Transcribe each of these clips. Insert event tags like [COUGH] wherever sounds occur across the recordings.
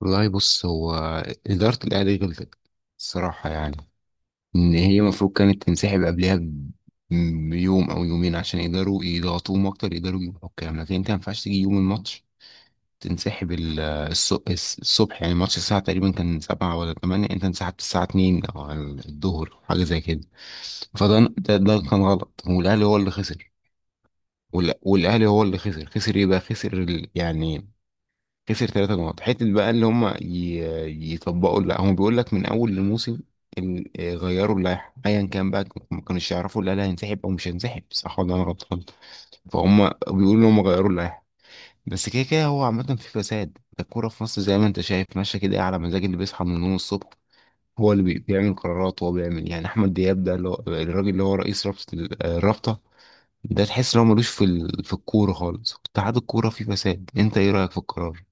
والله بص هو، إدارة الأهلي غلطت الصراحة، يعني إن هي المفروض كانت تنسحب قبلها بيوم أو يومين عشان يقدروا يضغطوهم أكتر، يقدروا يجيبوا حكام. لكن أنت مينفعش تيجي يوم الماتش تنسحب الصبح. يعني الماتش الساعة تقريبا كان سبعة ولا تمانية، أنت انسحبت الساعة اتنين أو على الظهر حاجة زي كده. فده ده, ده كان غلط والأهلي هو اللي خسر. والأهلي هو اللي خسر. خسر إيه بقى؟ خسر يعني خسر 3 نقط حتة بقى اللي هم يطبقوا. لا، هم بيقول لك من أول الموسم غيروا اللائحة، أيا كان بقى، ما كانوش يعرفوا لا لا هينسحب أو مش هينسحب، صح ولا أنا غلطان؟ فهم بيقولوا إن هم غيروا اللائحة. بس كده كده هو عامة في فساد الكورة في مصر، زي ما أنت شايف ماشية كده، إيه، على مزاج اللي بيصحى من النوم الصبح هو اللي بيعمل قرارات. هو بيعمل يعني أحمد دياب ده اللي هو الراجل اللي هو رئيس رابطة الرابطة ده، تحس إن هو ملوش في في الكورة خالص. اتحاد الكورة فيه فساد. أنت إيه رأيك في القرار؟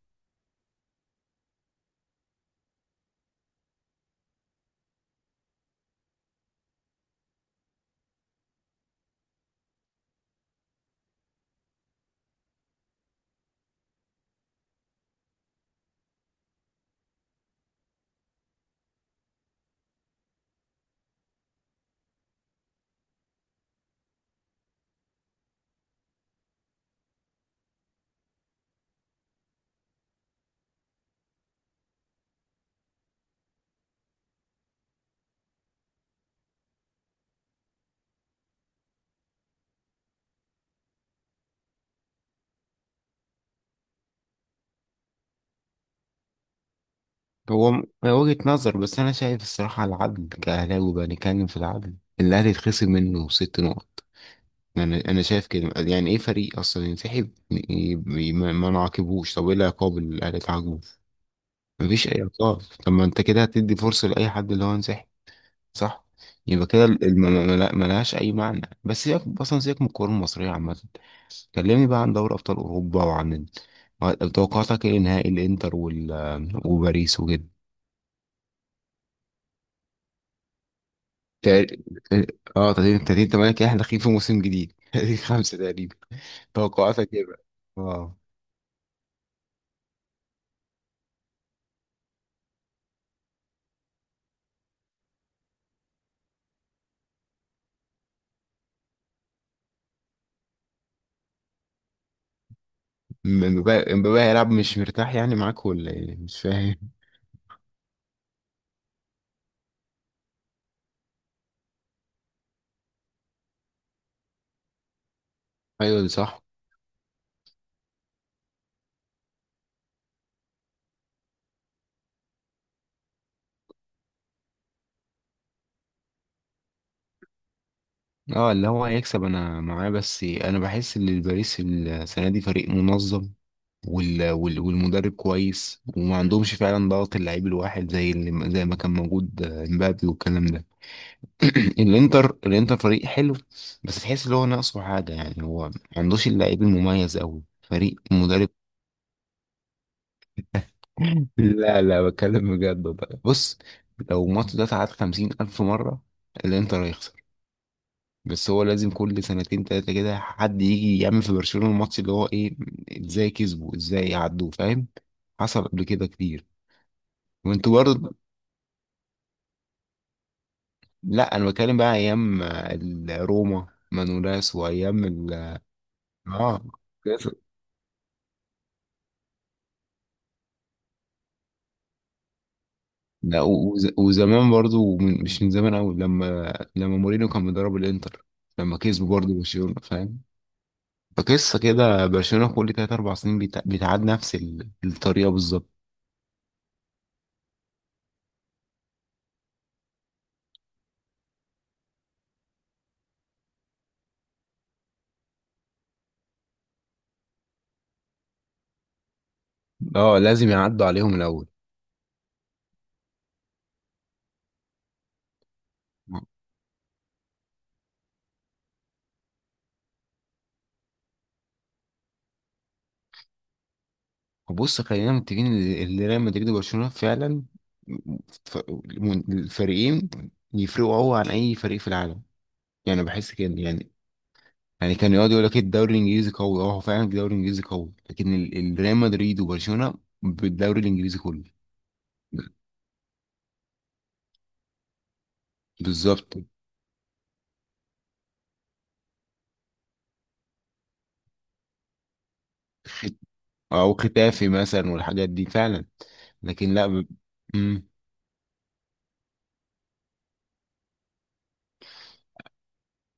هو وجهة نظر، بس أنا شايف الصراحة العدل، كأهلاوي بقى نتكلم في العدل، الأهلي يتخصم منه 6 نقط. يعني أنا شايف كده. يعني إيه فريق أصلا ينسحب ما نعاقبوش؟ طب إيه العقاب اللي الأهلي اتعاقبه؟ مفيش أي عقاب. طب ما أنت كده هتدي فرصة لأي حد اللي هو ينسحب، صح؟ يبقى كده ملهاش أي معنى. بس سيبك أصلا، سيبك من الكورة المصرية عامة. كلمني بقى عن دوري أبطال أوروبا وعن توقعاتك إيه؟ نهائي الإنتر وباريس وكده. تق- اه 30 30 8 كده احنا داخلين في موسم جديد [LAUGHS] 30 5 تقريبا. توقعاتك ايه بقى؟ اه. امبابي هيلعب مش مرتاح يعني معاك، ولا ايه؟ مش فاهم [LAUGHS] ايوه، دي صح. اه اللي هو هيكسب انا معاه، بس انا بحس ان الباريس السنه دي فريق منظم والمدرب كويس، وما عندهمش فعلا ضغط اللعيب الواحد زي ما كان موجود، امبابي والكلام ده. [CLEARS THROAT] الانتر فريق حلو، بس تحس ان هو ناقصه حاجه. يعني هو ما عندوش اللعيب المميز قوي، فريق مدرب. لا لا، بتكلم بجد. والله بص، لو الماتش ده اتعاد 50,000 مرة الإنتر هيخسر. بس هو لازم كل سنتين تلاتة كده حد يجي يعمل في برشلونة الماتش اللي هو إيه، إزاي كسبوا، إزاي عدوا، فاهم؟ حصل قبل كده كتير. وأنتوا برضه. لأ أنا بتكلم بقى أيام روما مانولاس، وأيام آه. لا وزمان برضو مش من زمان قوي لما مورينيو كان بيدرب الانتر، لما كسبوا برضو برشلونة فاهم. فقصة كده برشلونة كل تلات أربع سنين بتعاد نفس الطريقة بالظبط. اه لازم يعدوا عليهم الأول. بص خلينا متفقين إن ريال مدريد وبرشلونة فعلا، ف- الفريقين يفرقوا قوي عن أي فريق في العالم. يعني بحس كده. يعني يعني كان يقعد يقول لك الدوري الانجليزي قوي، اه هو فعلا الدوري الانجليزي قوي، لكن ريال مدريد وبرشلونه بالدوري الانجليزي كله. بالظبط. خت- او ختافي مثلا والحاجات دي فعلا. لكن لا مم.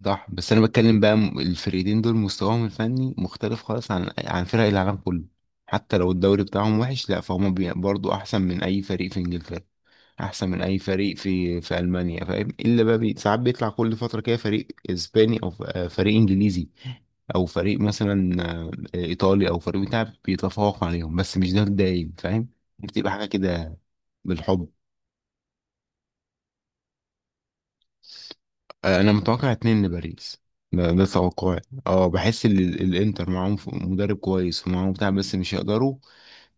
صح. بس انا بتكلم بقى الفرقتين دول مستواهم الفني مختلف خالص عن فرق العالم كله. حتى لو الدوري بتاعهم وحش، لا فهم برضو احسن من اي فريق في انجلترا، احسن من اي فريق في المانيا، فاهم؟ الا بقى ساعات بيطلع كل فتره كده فريق اسباني او فريق انجليزي، او فريق مثلا، ايطالي، او فريق بتاع بيتفوق عليهم، بس مش ده الدايم فاهم. بتبقى حاجه كده. بالحب، انا متوقع اتنين لباريس. ده توقعي. اه بحس ان الانتر معاهم مدرب كويس ومعاهم بتاع، بس مش هيقدروا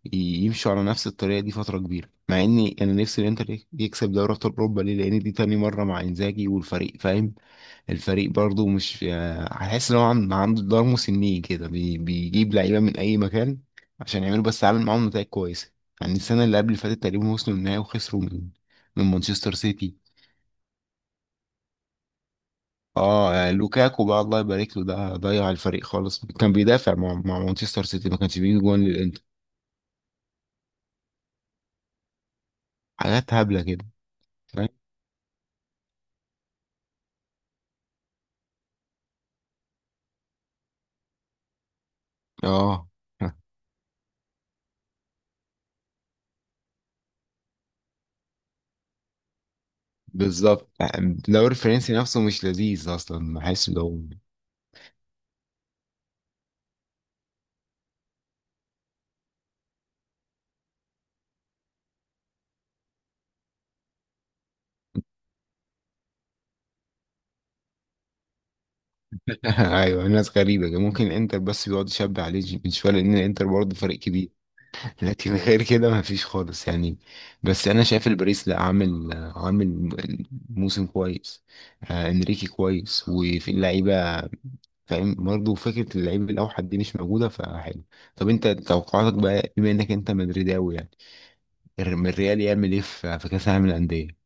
ي- يمشوا على نفس الطريقه دي فتره كبيره، مع اني انا نفسي الانتر يكسب دوري ابطال اوروبا، ليه؟ لان دي تاني مره مع انزاجي، والفريق فاهم. الفريق برضو مش، هحس ان هو عنده دار مسنين كده، بيجيب لعيبه من اي مكان عشان يعملوا، بس عامل معاهم نتائج كويسه. يعني السنه اللي قبل اللي فاتت تقريبا وصلوا النهائي وخسروا من مانشستر سيتي. اه لوكاكو بقى الله يبارك له، ده ضيع الفريق خالص، كان بيدافع مع مانشستر سيتي، ما كانش بيجي جوان للانتر. حاجات هبله كده. فاهم. اه [LAUGHS] بالظبط. يعني الدوري الفرنسي نفسه مش لذيذ اصلا، بحس ده [LAUGHS] ايوه، الناس غريبه كده. ممكن الانتر بس بيقعد يشبع عليه من شويه، لان الانتر برضه فريق كبير [LAUGHS] لكن غير كده ما فيش خالص يعني. بس انا شايف الباريس لا، عامل موسم كويس. آه انريكي كويس وفي اللعيبه، فاهم برضه. فكره اللعيب الاوحد دي مش موجوده، فحلو. طب انت توقعاتك بقى، بما انك انت مدريداوي يعني، الريال يعمل ايه في كاس العالم للانديه؟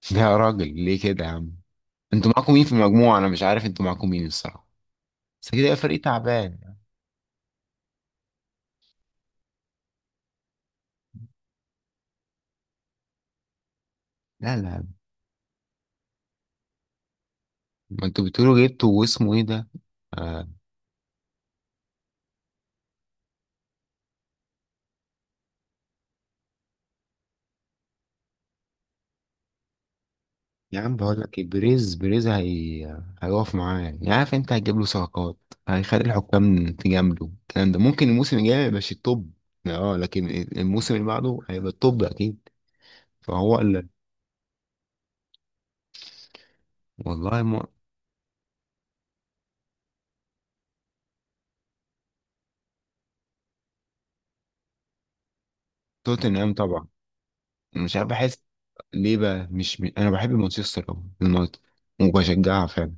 [LAUGHS] ده يا راجل ليه كده يا عم. انتوا معاكم مين في المجموعه؟ انا مش عارف انتوا معاكم مين الصراحه. بس كده يبقى فريق تعبان. لا لا، ما انتوا بتقولوا جبته واسمه ايه ده. آه. يا عم بقول لك ايه، بريز هيقف معاه، يعني عارف انت هتجيب له صفقات، هيخلي الحكام تجامله، الكلام ده ممكن الموسم الجاي ما يبقاش التوب، اه لكن الموسم اللي بعده هيبقى التوب اكيد. فهو اللي. والله ما... توتنهام طبعا. مش عارف، بحس. ليه بقى؟ مش انا بحب مانشستر أوي، يونايتد، وبشجعها فعلا،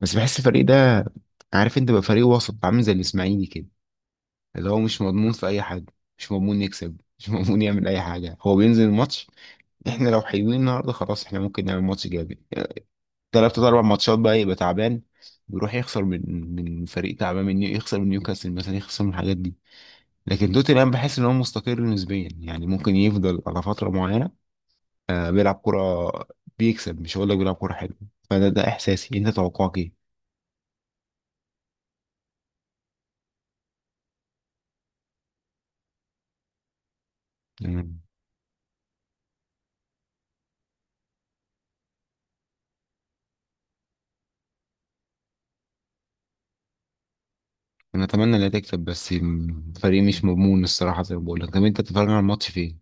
بس بحس الفريق ده، عارف انت بقى، فريق وسط عامل زي الاسماعيلي كده، اللي هو مش مضمون في اي حاجه، مش مضمون يكسب [LAUGHS] مش مضمون يعمل اي حاجه، هو بينزل الماتش احنا لو حلوين النهارده خلاص احنا ممكن نعمل ماتش جامد، تلات اربع ماتشات بقى يبقى تعبان بيروح يخسر من فريق تعبان، من يخسر من نيوكاسل مثلا، يخسر من الحاجات دي. لكن توتنهام بحس ان هو مستقر نسبيا، يعني ممكن يفضل على فتره معينه، بيلعب كرة، بيكسب، مش هقول لك بيلعب كرة حلوة. فده احساسي. انت توقعك ايه؟ مم. انا اتمنى انها تكسب بس الفريق مش مضمون الصراحة زي ما بقول لك. طب انت بتتفرج على الماتش فين؟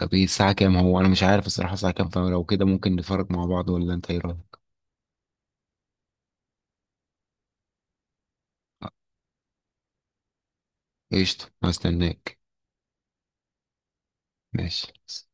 طب ايه الساعة كام؟ هو انا مش عارف الصراحة الساعة كام، فلو كده ممكن نتفرج مع بعض، ولا انت ايه رأيك؟ قشطة هستناك. ماشي